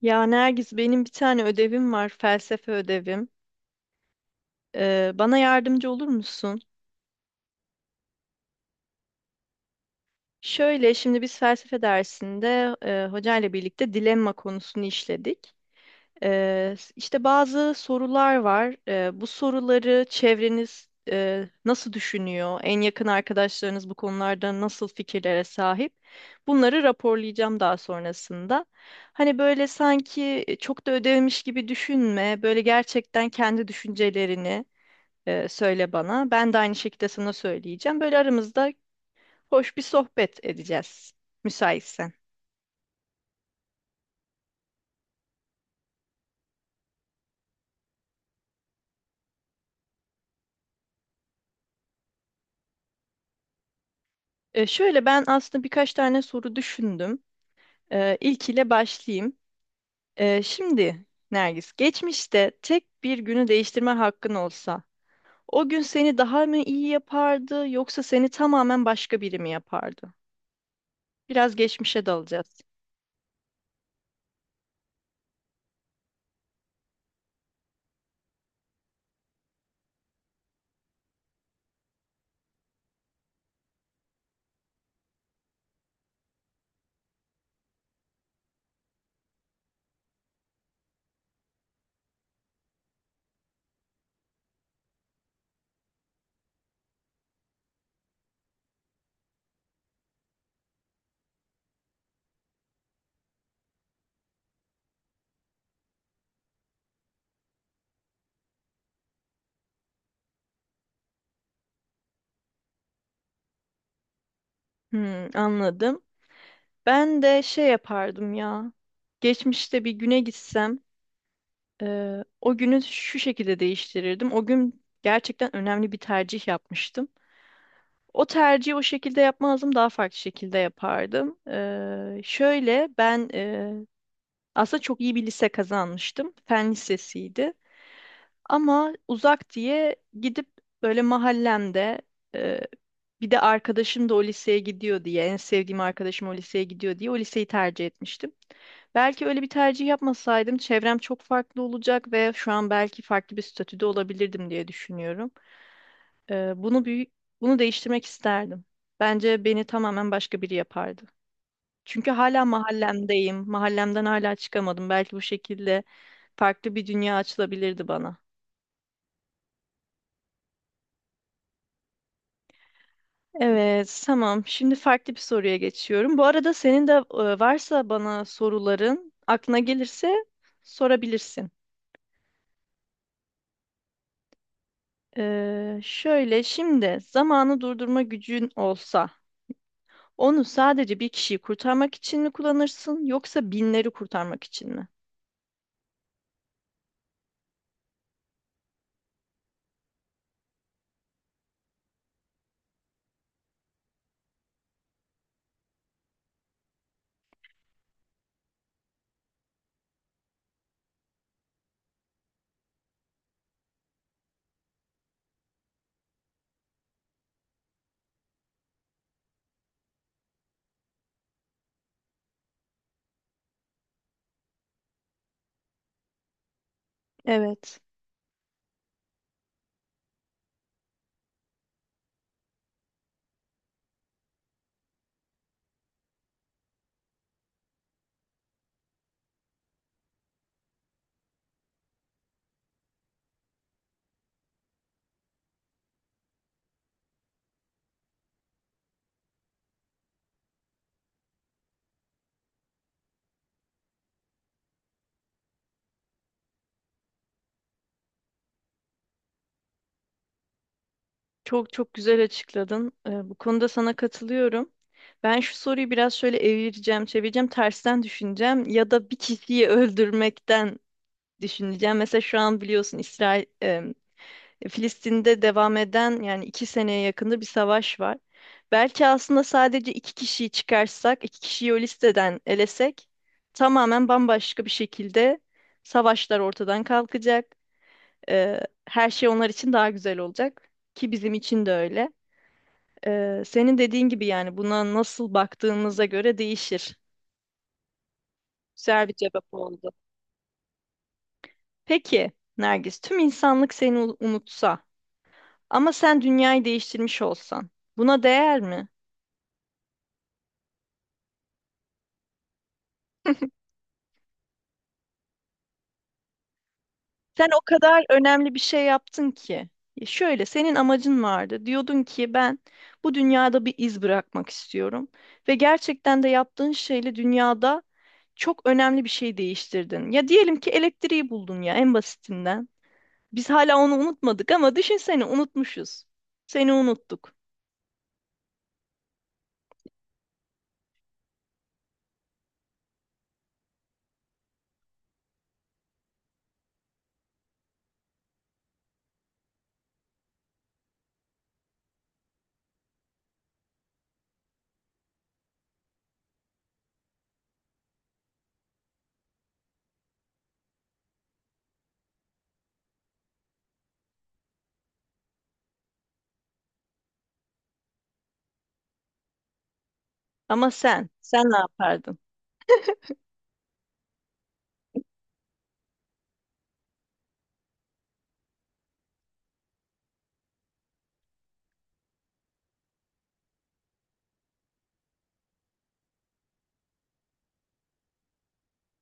Ya Nergis benim bir tane ödevim var, felsefe ödevim. Bana yardımcı olur musun? Şöyle şimdi biz felsefe dersinde hocayla birlikte dilemma konusunu işledik. İşte bazı sorular var. Bu soruları çevreniz nasıl düşünüyor? En yakın arkadaşlarınız bu konularda nasıl fikirlere sahip? Bunları raporlayacağım daha sonrasında. Hani böyle sanki çok da ödevmiş gibi düşünme. Böyle gerçekten kendi düşüncelerini söyle bana. Ben de aynı şekilde sana söyleyeceğim. Böyle aramızda hoş bir sohbet edeceğiz, müsaitsen. Şöyle ben aslında birkaç tane soru düşündüm. İlkiyle başlayayım. Şimdi Nergis, geçmişte tek bir günü değiştirme hakkın olsa, o gün seni daha mı iyi yapardı, yoksa seni tamamen başka biri mi yapardı? Biraz geçmişe dalacağız. Hmm, anladım. Ben de şey yapardım ya. Geçmişte bir güne gitsem. O günü şu şekilde değiştirirdim. O gün gerçekten önemli bir tercih yapmıştım. O tercihi o şekilde yapmazdım, daha farklı şekilde yapardım. Şöyle ben aslında çok iyi bir lise kazanmıştım. Fen lisesiydi. Ama uzak diye gidip böyle mahallemde e, bir de arkadaşım da o liseye gidiyor diye en sevdiğim arkadaşım o liseye gidiyor diye o liseyi tercih etmiştim. Belki öyle bir tercih yapmasaydım çevrem çok farklı olacak ve şu an belki farklı bir statüde olabilirdim diye düşünüyorum. E, bunu büyük, Bunu değiştirmek isterdim. Bence beni tamamen başka biri yapardı. Çünkü hala mahallemdeyim. Mahallemden hala çıkamadım. Belki bu şekilde farklı bir dünya açılabilirdi bana. Evet, tamam. Şimdi farklı bir soruya geçiyorum. Bu arada senin de varsa bana soruların aklına gelirse sorabilirsin. Şöyle şimdi zamanı durdurma gücün olsa onu sadece bir kişiyi kurtarmak için mi kullanırsın yoksa binleri kurtarmak için mi? Evet. Çok çok güzel açıkladın. Bu konuda sana katılıyorum. Ben şu soruyu biraz şöyle evireceğim, çevireceğim, tersten düşüneceğim ya da bir kişiyi öldürmekten düşüneceğim. Mesela şu an biliyorsun İsrail, Filistin'de devam eden yani 2 seneye yakında bir savaş var. Belki aslında sadece iki kişiyi çıkarsak, iki kişiyi o listeden elesek tamamen bambaşka bir şekilde savaşlar ortadan kalkacak. Ee, Her şey onlar için daha güzel olacak ki bizim için de öyle. Senin dediğin gibi yani buna nasıl baktığımıza göre değişir. Güzel bir cevap oldu. Peki Nergis, tüm insanlık seni unutsa ama sen dünyayı değiştirmiş olsan buna değer mi? Sen o kadar önemli bir şey yaptın ki. Şöyle senin amacın vardı. Diyordun ki ben bu dünyada bir iz bırakmak istiyorum ve gerçekten de yaptığın şeyle dünyada çok önemli bir şey değiştirdin. Ya diyelim ki elektriği buldun ya en basitinden. Biz hala onu unutmadık ama düşünsene unutmuşuz. Seni unuttuk. Ama sen ne yapardın?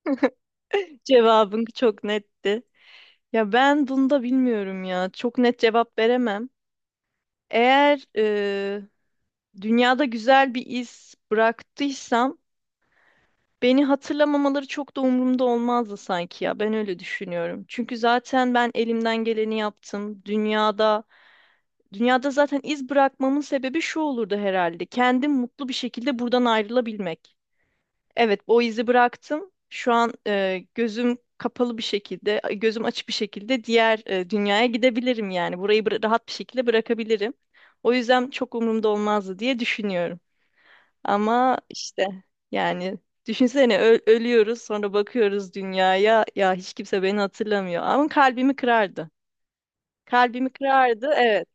Cevabın çok netti. Ya ben bunda bilmiyorum ya. Çok net cevap veremem. Eğer dünyada güzel bir iz bıraktıysam beni hatırlamamaları çok da umurumda olmazdı sanki ya. Ben öyle düşünüyorum. Çünkü zaten ben elimden geleni yaptım. Dünyada zaten iz bırakmamın sebebi şu olurdu herhalde. Kendim mutlu bir şekilde buradan ayrılabilmek. Evet, o izi bıraktım. Şu an gözüm kapalı bir şekilde, gözüm açık bir şekilde diğer dünyaya gidebilirim yani. Burayı rahat bir şekilde bırakabilirim. O yüzden çok umurumda olmazdı diye düşünüyorum. Ama işte yani düşünsene ölüyoruz sonra bakıyoruz dünyaya ya hiç kimse beni hatırlamıyor. Ama kalbimi kırardı. Kalbimi kırardı evet.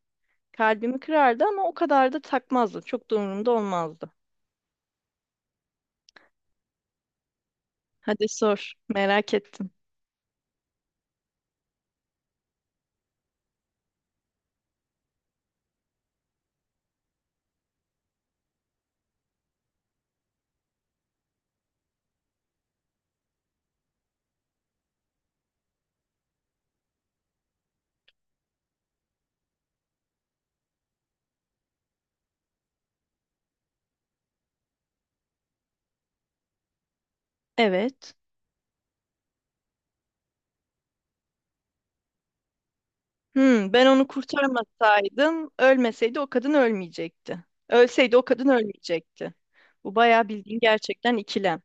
Kalbimi kırardı ama o kadar da takmazdı. Çok da umurumda olmazdı. Hadi sor merak ettim. Evet. Ben onu kurtarmasaydım, ölmeseydi o kadın ölmeyecekti. Ölseydi o kadın ölmeyecekti. Bu bayağı bildiğin gerçekten ikilem.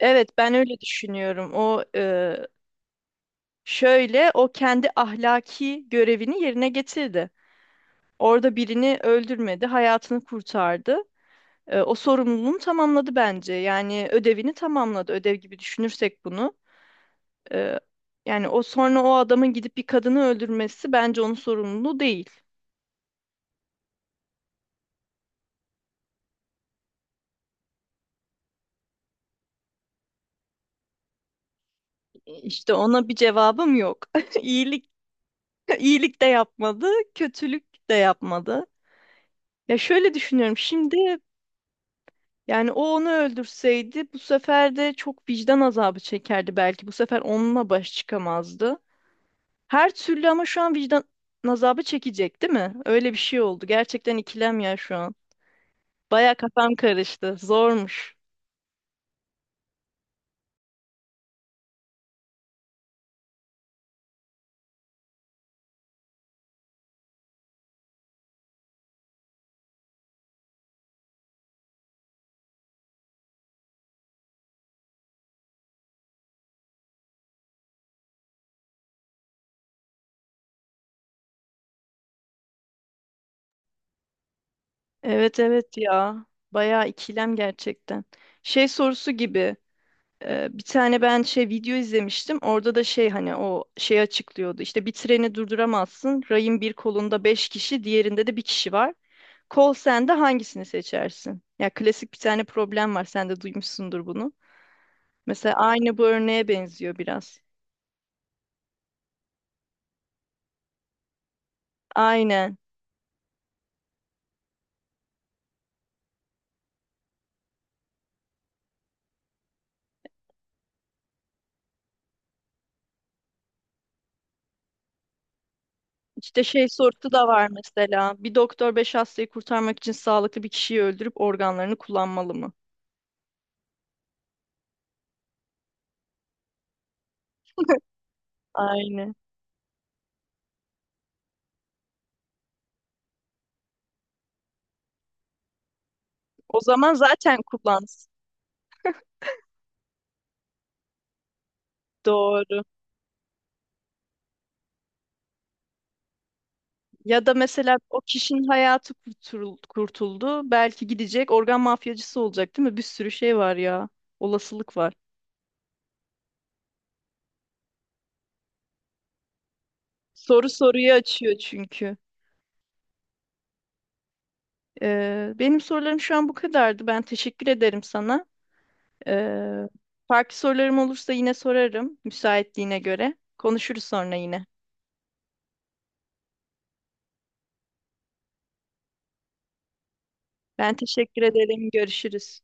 Evet, ben öyle düşünüyorum. O kendi ahlaki görevini yerine getirdi. Orada birini öldürmedi, hayatını kurtardı. O sorumluluğunu tamamladı bence. Yani ödevini tamamladı. Ödev gibi düşünürsek bunu. Ee, Yani o sonra o adamın gidip bir kadını öldürmesi bence onun sorumluluğu değil. İşte ona bir cevabım yok. İyilik, iyilik de yapmadı, kötülük de yapmadı. Ya şöyle düşünüyorum şimdi yani o onu öldürseydi bu sefer de çok vicdan azabı çekerdi belki. Bu sefer onunla baş çıkamazdı. Her türlü ama şu an vicdan azabı çekecek değil mi? Öyle bir şey oldu. Gerçekten ikilem ya şu an. Baya kafam karıştı. Zormuş. Evet evet ya. Bayağı ikilem gerçekten. Şey sorusu gibi bir tane ben şey video izlemiştim. Orada da şey hani o şey açıklıyordu. İşte bir treni durduramazsın. Rayın bir kolunda beş kişi, diğerinde de bir kişi var. Kol sende hangisini seçersin? Ya klasik bir tane problem var. Sen de duymuşsundur bunu. Mesela aynı bu örneğe benziyor biraz. Aynen. İşte şey sorusu da var mesela. Bir doktor beş hastayı kurtarmak için sağlıklı bir kişiyi öldürüp organlarını kullanmalı mı? Aynen. O zaman zaten kullansın. Doğru. Ya da mesela o kişinin hayatı kurtuldu. Belki gidecek organ mafyacısı olacak değil mi? Bir sürü şey var ya. Olasılık var. Soru soruyu açıyor çünkü. Benim sorularım şu an bu kadardı. Ben teşekkür ederim sana. Ee, Farklı sorularım olursa yine sorarım müsaitliğine göre. Konuşuruz sonra yine. Ben teşekkür ederim. Görüşürüz.